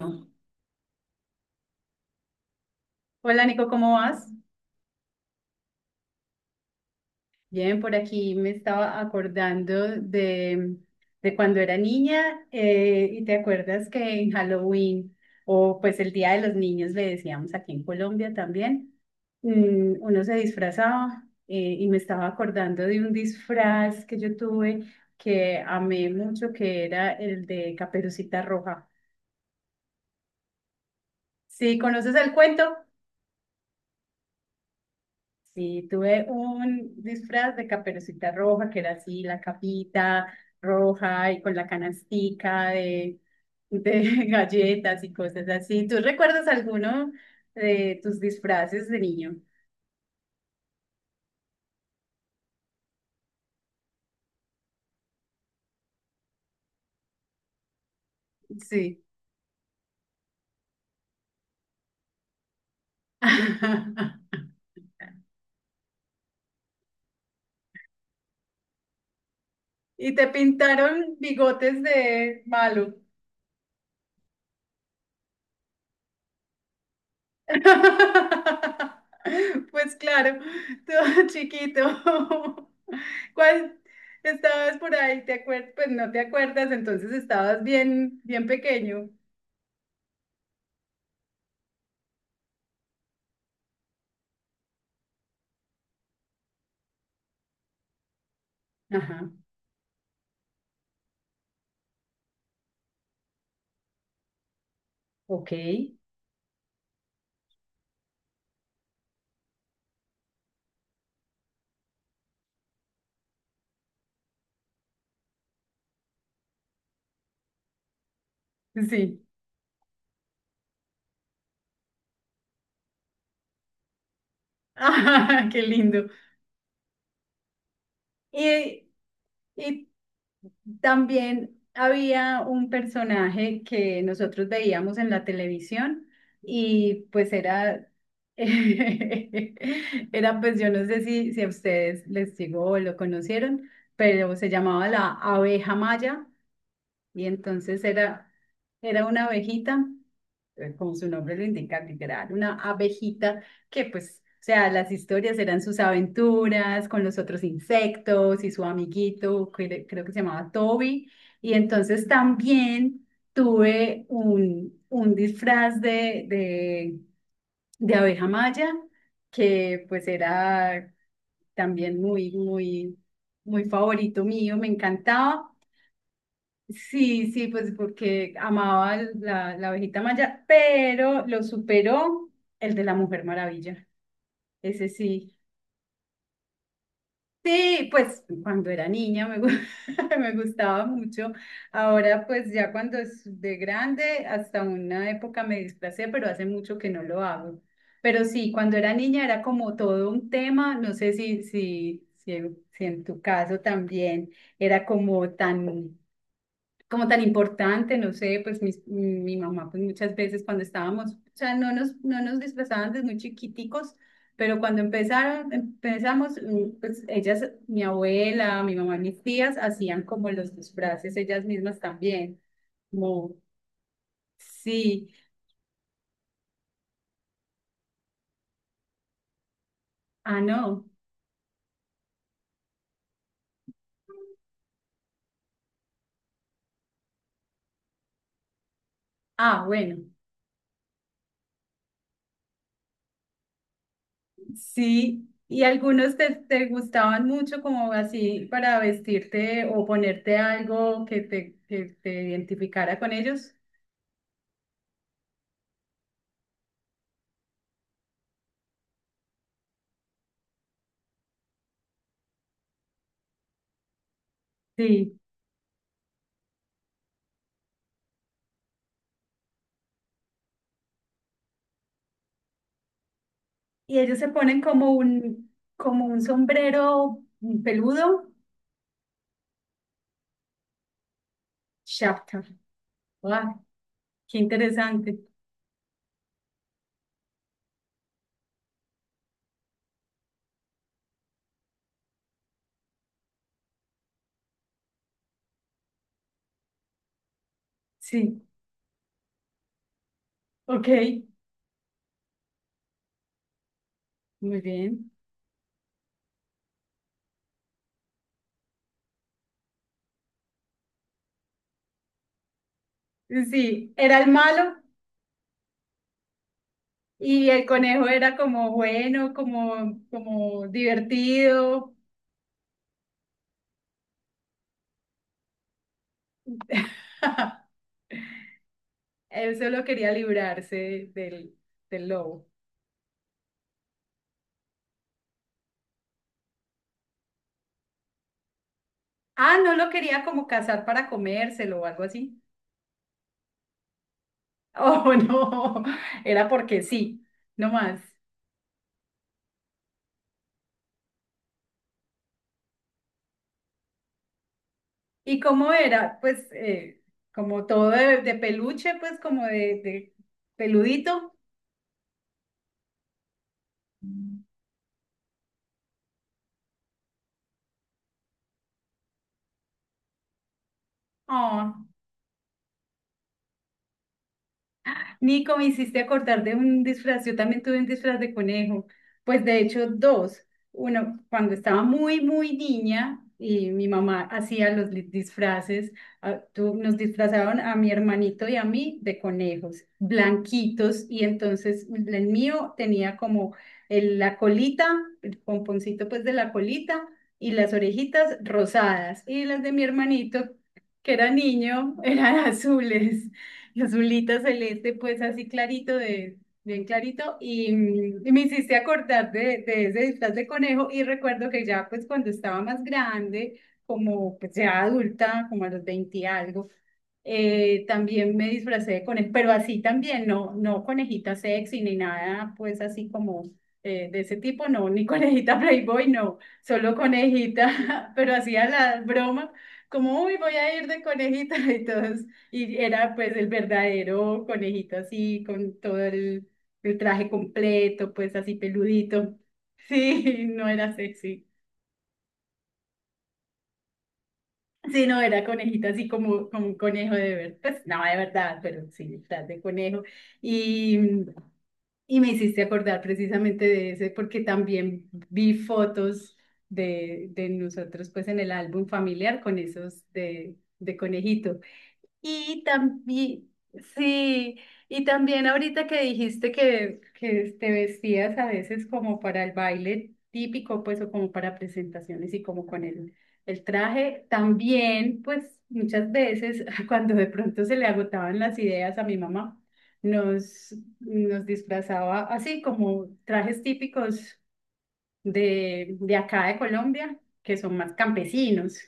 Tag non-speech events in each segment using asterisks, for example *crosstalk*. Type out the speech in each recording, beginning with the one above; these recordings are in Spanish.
No. Hola Nico, ¿cómo vas? Bien, por aquí me estaba acordando de cuando era niña y te acuerdas que en Halloween o pues el Día de los Niños le decíamos aquí en Colombia también. Uno se disfrazaba y me estaba acordando de un disfraz que yo tuve que amé mucho, que era el de Caperucita Roja. ¿Sí conoces el cuento? Sí, tuve un disfraz de Caperucita Roja, que era así, la capita roja y con la canastica de *laughs* galletas y cosas así. ¿Tú recuerdas alguno de tus disfraces de niño? Sí. *laughs* ¿Y te pintaron bigotes de malo? *laughs* Pues claro, todo chiquito. *laughs* ¿Cuál estabas por ahí? ¿Te acuerdas? Pues no te acuerdas, entonces estabas bien, bien pequeño. Ajá, ok, sí. *laughs* Ah, qué lindo. ¿Y, y también había un personaje que nosotros veíamos en la televisión y pues era, *laughs* era pues yo no sé si a ustedes les digo o lo conocieron, pero se llamaba la abeja maya y entonces era, era una abejita, como su nombre lo indica, literal, una abejita que pues, o sea, las historias eran sus aventuras con los otros insectos y su amiguito, que le- creo que se llamaba Toby. Y entonces también tuve un disfraz de abeja maya, que pues era también muy favorito mío, me encantaba. Sí, sí, pues porque amaba el- la abejita Maya, pero lo superó el de la Mujer Maravilla. Ese sí. Sí, pues cuando era niña me, gu- *laughs* me gustaba mucho. Ahora pues ya cuando es de grande, hasta una época me displacé, pero hace mucho que no lo hago. Pero sí, cuando era niña era como todo un tema, no sé si en tu caso también era como tan importante, no sé, pues mis- mi mamá, pues muchas veces cuando estábamos, o sea, no nos disfrazaban desde muy chiquiticos, pero cuando empezaron, empezamos, pues ellas, mi abuela, mi mamá, mis tías, hacían como los disfraces ellas mismas también, como, sí, ah, no, ah, bueno, sí. Y algunos te, te gustaban mucho como así para vestirte o ponerte algo que te identificara con ellos. Sí. Y ellos se ponen como un sombrero peludo, shaftar. ¡Guau! Qué interesante. Sí, ok, muy bien. Sí, era el malo y el conejo era como bueno, como, como divertido. Él solo quería librarse del lobo. Ah, no lo quería como cazar para comérselo o algo así. Oh, *laughs* no, era porque sí, no más. ¿Y cómo era? Pues como todo de peluche, pues como de peludito. Oh, Nico, me hiciste acordar de un disfraz. Yo también tuve un disfraz de conejo. Pues de hecho, dos. Uno, cuando estaba muy, muy niña y mi mamá hacía los li- disfraces, ah, tú, nos disfrazaban a mi hermanito y a mí de conejos, blanquitos. Y entonces el mío tenía como el- la colita, el pomponcito pues de la colita y las orejitas rosadas. Y las de mi hermanito, que era niño, *laughs* eran azules. *laughs* Azulita celeste, pues así clarito, de, bien clarito, y, y me hiciste acordar de ese disfraz de conejo y recuerdo que ya pues cuando estaba más grande, como pues ya adulta, como a los 20 y algo, también me disfracé de conejo, pero así también, no, no conejita sexy ni nada, pues así como de ese tipo, no, ni *laughs* conejita Playboy, no, solo conejita, *laughs* pero hacía la broma, como, uy, voy a ir de conejita *laughs* y todos y era pues el verdadero conejito así, con todo el traje completo, pues así peludito. *laughs* Sí, no era sexy. Sí, no, era conejito así como, como un conejo de verdad. Pues no, de verdad, pero sí, estás de conejo. Y, y me hiciste acordar precisamente de ese, porque también vi fotos de nosotros pues en el álbum familiar con esos de conejito. Y también, sí, y también ahorita que dijiste que te vestías a veces como para el baile típico, pues, o como para presentaciones y como con el traje, también, pues, muchas veces *laughs* cuando de pronto se le agotaban las ideas a mi mamá, nos, nos disfrazaba así como trajes típicos de acá de Colombia, que son más campesinos.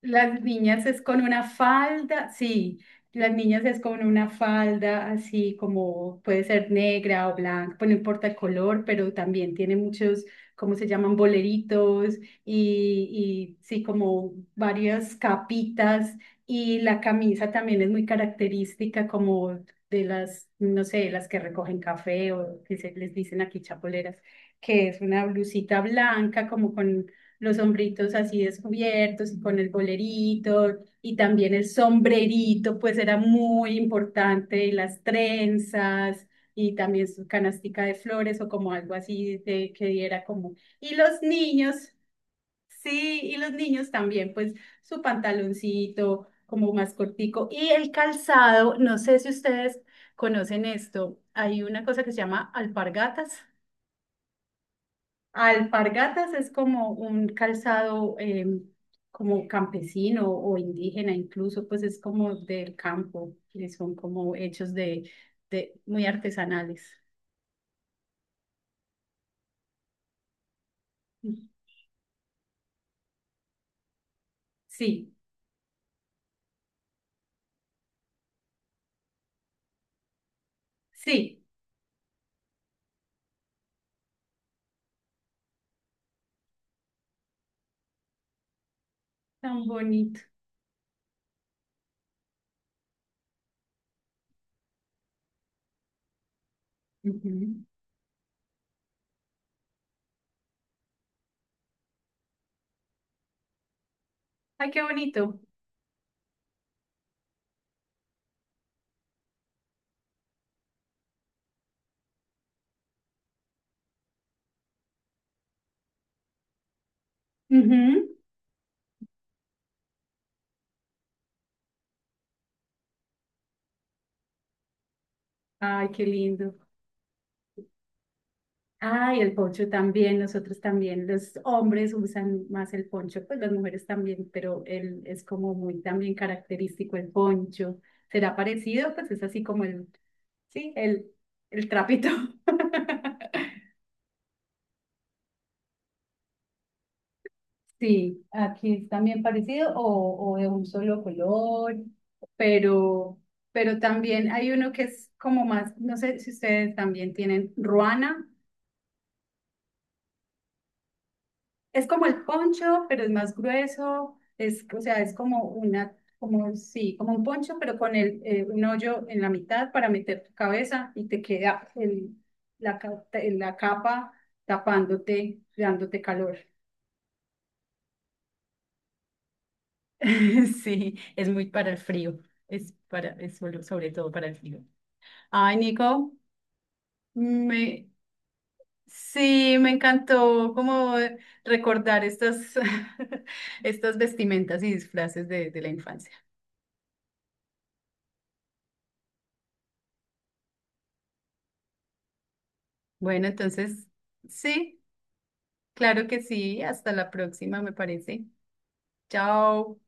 Las niñas es con una falda, sí, las niñas es con una falda así como puede ser negra o blanca, pues no importa el color, pero también tiene muchos, ¿cómo se llaman? Boleritos y sí, como varias capitas y la camisa también es muy característica como de las, no sé, las que recogen café o que se les dicen aquí chapoleras, que es una blusita blanca como con los hombritos así descubiertos y con el bolerito y también el sombrerito, pues era muy importante, y las trenzas y también su canastica de flores o como algo así de, que diera como... Y los niños, sí, y los niños también, pues su pantaloncito como más cortico y el calzado, no sé si ustedes conocen esto, hay una cosa que se llama alpargatas. Alpargatas es como un calzado como campesino o indígena, incluso pues es como del campo, y son como hechos de muy artesanales. Sí, sí, tan bonito. Ujú. Ay, qué bonito. Ujú. Ay, qué lindo. Ah, y el poncho también, nosotros también, los hombres usan más el poncho, pues las mujeres también, pero él es como muy también característico el poncho. ¿Será parecido? Pues es así como el, sí, el trapito. *laughs* Sí, aquí es también parecido o de un solo color, pero, pero también hay uno que es como más, no sé si ustedes también tienen ruana. Es como el poncho, pero es más grueso, es, o sea, es como una, como, sí, como un poncho, pero con el, un hoyo en la mitad para meter tu cabeza y te queda el, la, ca- te- la capa tapándote, dándote calor. *laughs* Sí, es muy para el frío, es para, es solo- sobre todo para el frío. Ay, Nico, me, sí, me encantó como recordar estas, *laughs* estas vestimentas y disfraces de la infancia. Bueno, entonces, sí, claro que sí. Hasta la próxima, me parece. Chao.